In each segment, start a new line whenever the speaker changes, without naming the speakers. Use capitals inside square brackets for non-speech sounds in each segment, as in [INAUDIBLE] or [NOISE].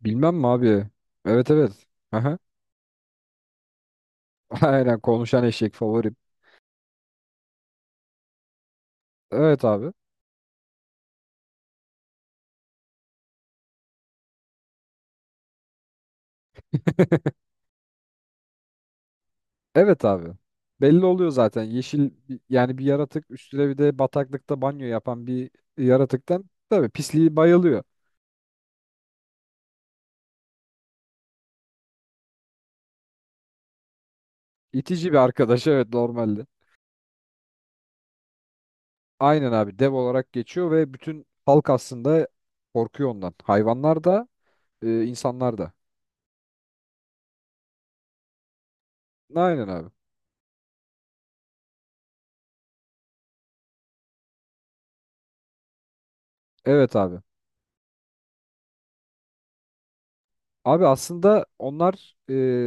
Bilmem mi abi? Evet, evet. Aha. [LAUGHS] Aynen, konuşan eşek favorim. Evet abi. [LAUGHS] Evet abi. Belli oluyor zaten. Yeşil yani bir yaratık, üstüne bir de bataklıkta banyo yapan bir yaratıktan tabii pisliği bayılıyor. İtici bir arkadaş, [LAUGHS] evet, normalde. Aynen abi, dev olarak geçiyor ve bütün halk aslında korkuyor ondan. Hayvanlar da insanlar da. Aynen abi. Evet abi. Abi aslında onlar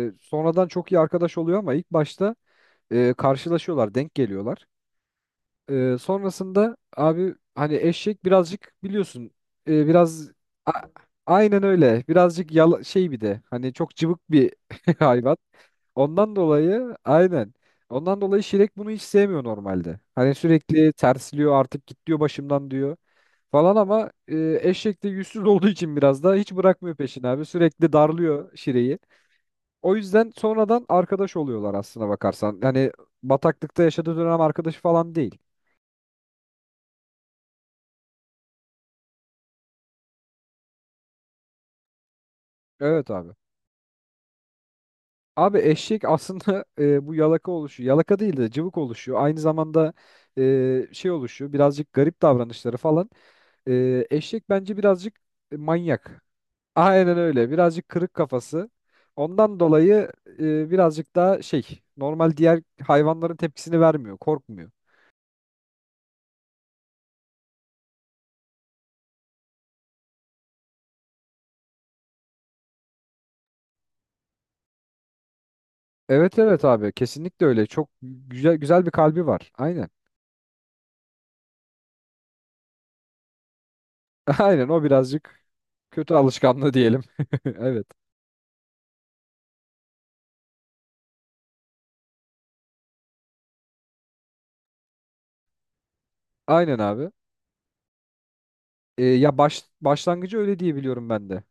sonradan çok iyi arkadaş oluyor, ama ilk başta karşılaşıyorlar, denk geliyorlar. Sonrasında abi, hani eşek birazcık biliyorsun biraz a- aynen öyle. Birazcık yala, şey, bir de hani çok cıvık bir [LAUGHS] hayvan. Ondan dolayı aynen. Ondan dolayı Şirek bunu hiç sevmiyor normalde. Hani sürekli tersliyor, artık git diyor başımdan diyor falan, ama eşek de yüzsüz olduğu için biraz da hiç bırakmıyor peşini abi. Sürekli darlıyor Şire'yi. O yüzden sonradan arkadaş oluyorlar aslına bakarsan. Yani bataklıkta yaşadığı dönem arkadaşı falan değil. Evet abi. Abi eşek aslında [LAUGHS] bu yalaka oluşuyor. Yalaka değil de cıvık oluşuyor. Aynı zamanda şey oluşuyor, birazcık garip davranışları falan. Eşek bence birazcık manyak. Aynen öyle, birazcık kırık kafası. Ondan dolayı birazcık daha şey, normal diğer hayvanların tepkisini vermiyor, korkmuyor. Evet, evet abi, kesinlikle öyle. Çok güzel güzel bir kalbi var. Aynen. [LAUGHS] Aynen, o birazcık kötü alışkanlığı diyelim. [LAUGHS] Evet. Aynen abi. Ya başlangıcı öyle diye biliyorum ben de.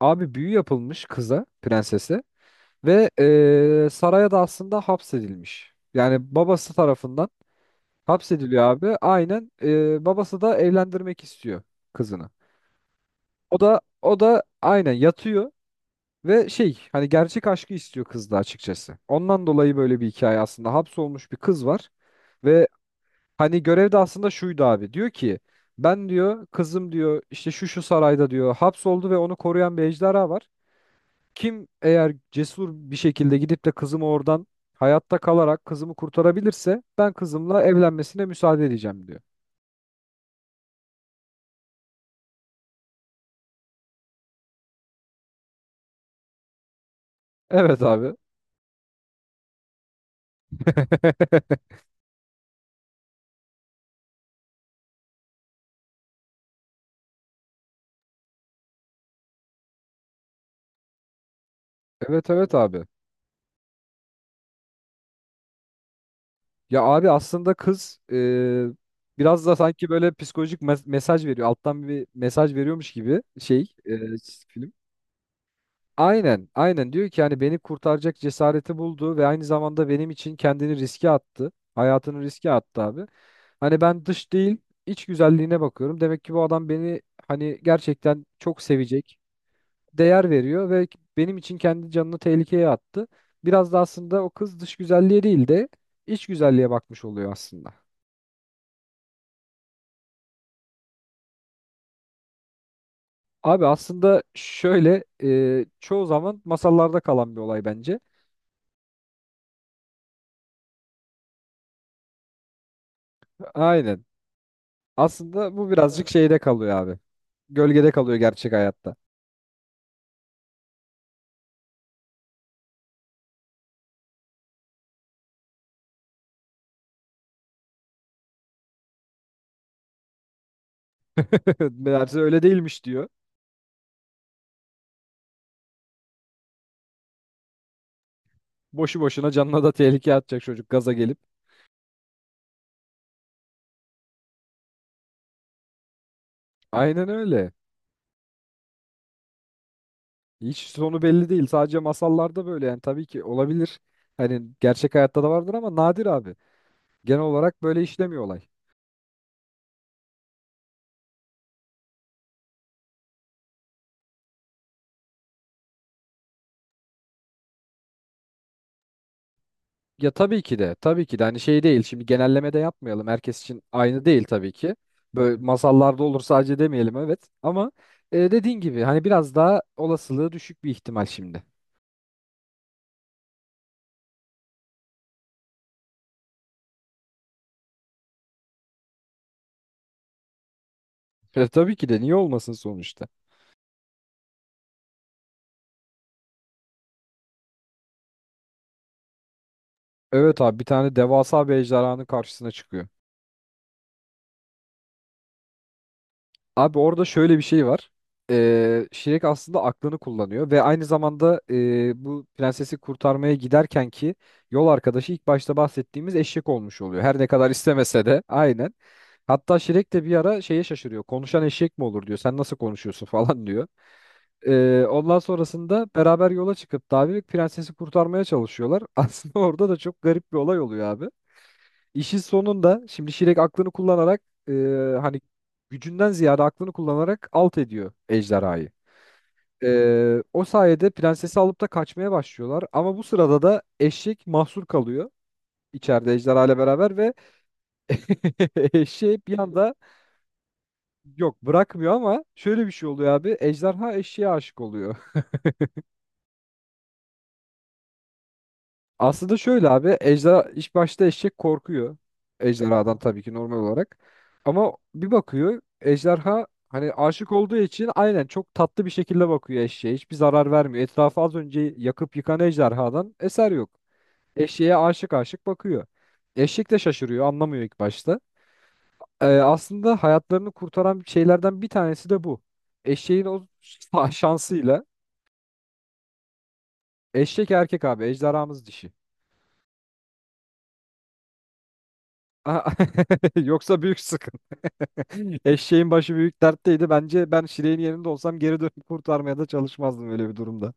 Abi, büyü yapılmış kıza, prensese ve saraya da aslında hapsedilmiş. Yani babası tarafından hapsediliyor abi. Aynen babası da evlendirmek istiyor kızını. O da aynen yatıyor ve şey, hani gerçek aşkı istiyor kızda açıkçası. Ondan dolayı böyle bir hikaye aslında. Hapsolmuş bir kız var ve hani görev de aslında şuydu abi. Diyor ki, ben diyor kızım diyor işte şu şu sarayda diyor hapsoldu ve onu koruyan bir ejderha var. Kim eğer cesur bir şekilde gidip de kızımı oradan hayatta kalarak kızımı kurtarabilirse, ben kızımla evlenmesine müsaade edeceğim diyor. Evet abi. [LAUGHS] Evet, evet abi. Ya abi, aslında kız biraz da sanki böyle psikolojik mesaj veriyor. Alttan bir mesaj veriyormuş gibi şey film. Aynen, aynen diyor ki, hani beni kurtaracak cesareti buldu ve aynı zamanda benim için kendini riske attı. Hayatını riske attı abi. Hani ben dış değil, iç güzelliğine bakıyorum. Demek ki bu adam beni hani gerçekten çok sevecek, değer veriyor ve benim için kendi canını tehlikeye attı. Biraz da aslında o kız dış güzelliğe değil de iç güzelliğe bakmış oluyor aslında. Abi aslında şöyle, çoğu zaman masallarda kalan bir olay bence. Aynen. Aslında bu birazcık şeyde kalıyor abi. Gölgede kalıyor gerçek hayatta. [LAUGHS] Meğerse öyle değilmiş diyor. Boşu boşuna canına da tehlikeye atacak çocuk, gaza gelip. Aynen öyle. Hiç sonu belli değil. Sadece masallarda böyle yani, tabii ki olabilir. Hani gerçek hayatta da vardır ama nadir abi. Genel olarak böyle işlemiyor olay. Ya, tabii ki de hani şey değil. Şimdi genelleme de yapmayalım. Herkes için aynı değil tabii ki. Böyle masallarda olur sadece demeyelim, evet. Ama dediğin gibi hani biraz daha olasılığı düşük bir ihtimal şimdi. E, tabii ki de niye olmasın sonuçta. Evet abi, bir tane devasa bir ejderhanın karşısına çıkıyor. Abi, orada şöyle bir şey var. Shrek aslında aklını kullanıyor ve aynı zamanda bu prensesi kurtarmaya giderken ki yol arkadaşı, ilk başta bahsettiğimiz eşek olmuş oluyor. Her ne kadar istemese de, aynen. Hatta Şirek de bir ara şeye şaşırıyor. Konuşan eşek mi olur diyor. Sen nasıl konuşuyorsun [LAUGHS] falan diyor. Ondan sonrasında beraber yola çıkıp da abi prensesi kurtarmaya çalışıyorlar. [LAUGHS] Aslında orada da çok garip bir olay oluyor abi. İşin sonunda şimdi Şirek aklını kullanarak e, hani gücünden ziyade aklını kullanarak alt ediyor ejderhayı. E, o sayede prensesi alıp da kaçmaya başlıyorlar. Ama bu sırada da eşek mahsur kalıyor içeride ejderha ile beraber ve [LAUGHS] eşeği bir anda yok, bırakmıyor ama şöyle bir şey oluyor abi. Ejderha eşeğe aşık oluyor. Aslında şöyle abi, ejderha ilk başta, eşek korkuyor. Ejderhadan tabii ki, normal olarak. Ama bir bakıyor, ejderha hani aşık olduğu için aynen çok tatlı bir şekilde bakıyor eşeğe. Hiçbir zarar vermiyor. Etrafı az önce yakıp yıkan ejderhadan eser yok. Eşeğe aşık aşık bakıyor. Eşek de şaşırıyor, anlamıyor ilk başta. Aslında hayatlarını kurtaran şeylerden bir tanesi de bu. Eşeğin o [LAUGHS] şansıyla, eşek erkek abi, ejderhamız dişi. [LAUGHS] Yoksa büyük sıkıntı. [LAUGHS] Eşeğin başı büyük dertteydi. Bence ben Şire'nin yerinde olsam geri dönüp kurtarmaya da çalışmazdım öyle bir durumda.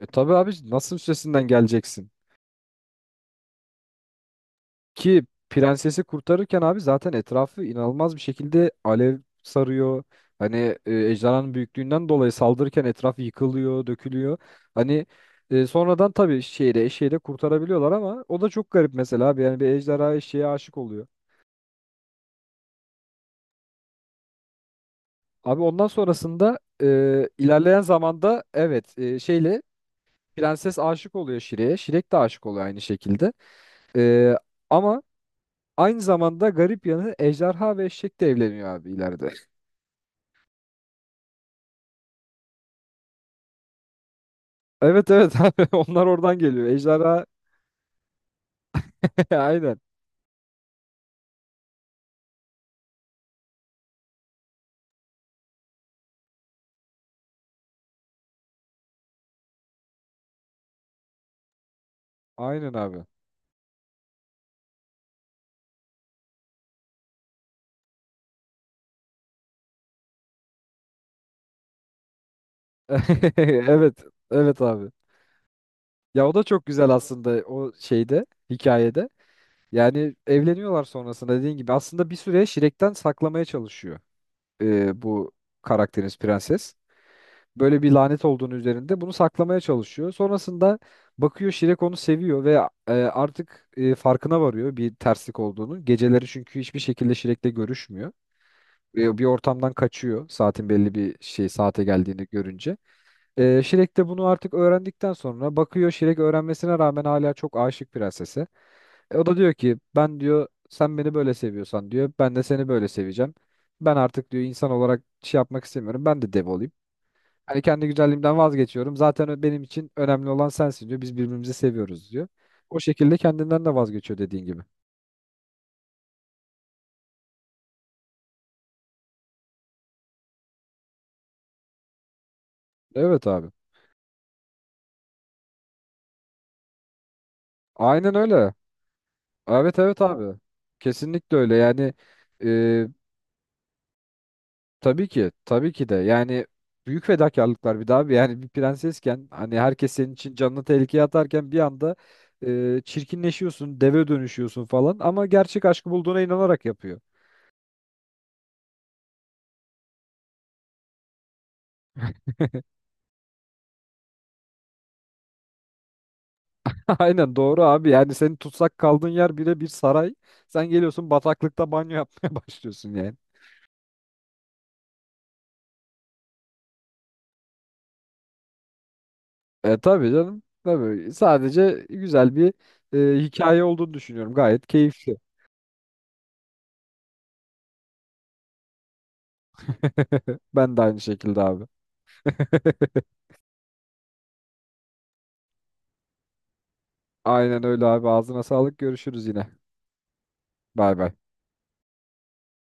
E tabii abi, nasıl üstesinden geleceksin? Ki prensesi kurtarırken abi zaten etrafı inanılmaz bir şekilde alev sarıyor. Hani ejderhanın büyüklüğünden dolayı saldırırken etraf yıkılıyor, dökülüyor. Hani sonradan tabii şeyde eşeği de kurtarabiliyorlar, ama o da çok garip mesela abi. Yani bir ejderha eşeğe aşık oluyor. Abi, ondan sonrasında ilerleyen zamanda, evet, şeyle prenses aşık oluyor Şire'ye. Şirek de aşık oluyor aynı şekilde. Ee, ama aynı zamanda garip yanı, ejderha ve eşek de evleniyor abi ileride. [LAUGHS] Evet, evet abi, [LAUGHS] onlar oradan geliyor. Ejderha [LAUGHS] aynen. Aynen abi. [LAUGHS] Evet. Evet abi. Ya o da çok güzel aslında, o şeyde, hikayede. Yani evleniyorlar sonrasında, dediğin gibi. Aslında bir süre Şirek'ten saklamaya çalışıyor bu karakterimiz, prenses. Böyle bir lanet olduğunu üzerinde, bunu saklamaya çalışıyor. Sonrasında bakıyor Şirek onu seviyor ve artık farkına varıyor bir terslik olduğunu. Geceleri çünkü hiçbir şekilde Şirek'le görüşmüyor. Bir ortamdan kaçıyor saatin belli bir şey saate geldiğini görünce. Şirek de bunu artık öğrendikten sonra bakıyor, Şirek öğrenmesine rağmen hala çok aşık prensese. O da diyor ki, ben diyor sen beni böyle seviyorsan diyor, ben de seni böyle seveceğim. Ben artık diyor insan olarak şey yapmak istemiyorum. Ben de dev olayım. Hani kendi güzelliğimden vazgeçiyorum. Zaten benim için önemli olan sensin diyor. Biz birbirimizi seviyoruz diyor. O şekilde kendinden de vazgeçiyor, dediğin gibi. Evet abi. Aynen öyle. Evet, evet abi. Kesinlikle öyle. Yani e, tabii ki de yani, büyük fedakarlıklar bir daha abi. Yani bir prensesken hani herkes senin için canını tehlikeye atarken bir anda çirkinleşiyorsun, deve dönüşüyorsun falan, ama gerçek aşkı bulduğuna inanarak yapıyor. Aynen doğru abi. Yani senin tutsak kaldığın yer bile bir saray. Sen geliyorsun bataklıkta banyo yapmaya [LAUGHS] başlıyorsun yani. E tabii canım. Tabii. Sadece güzel bir hikaye olduğunu düşünüyorum. Gayet keyifli. [LAUGHS] Ben de aynı şekilde abi. [LAUGHS] Aynen öyle abi. Ağzına sağlık. Görüşürüz yine. Bay bay.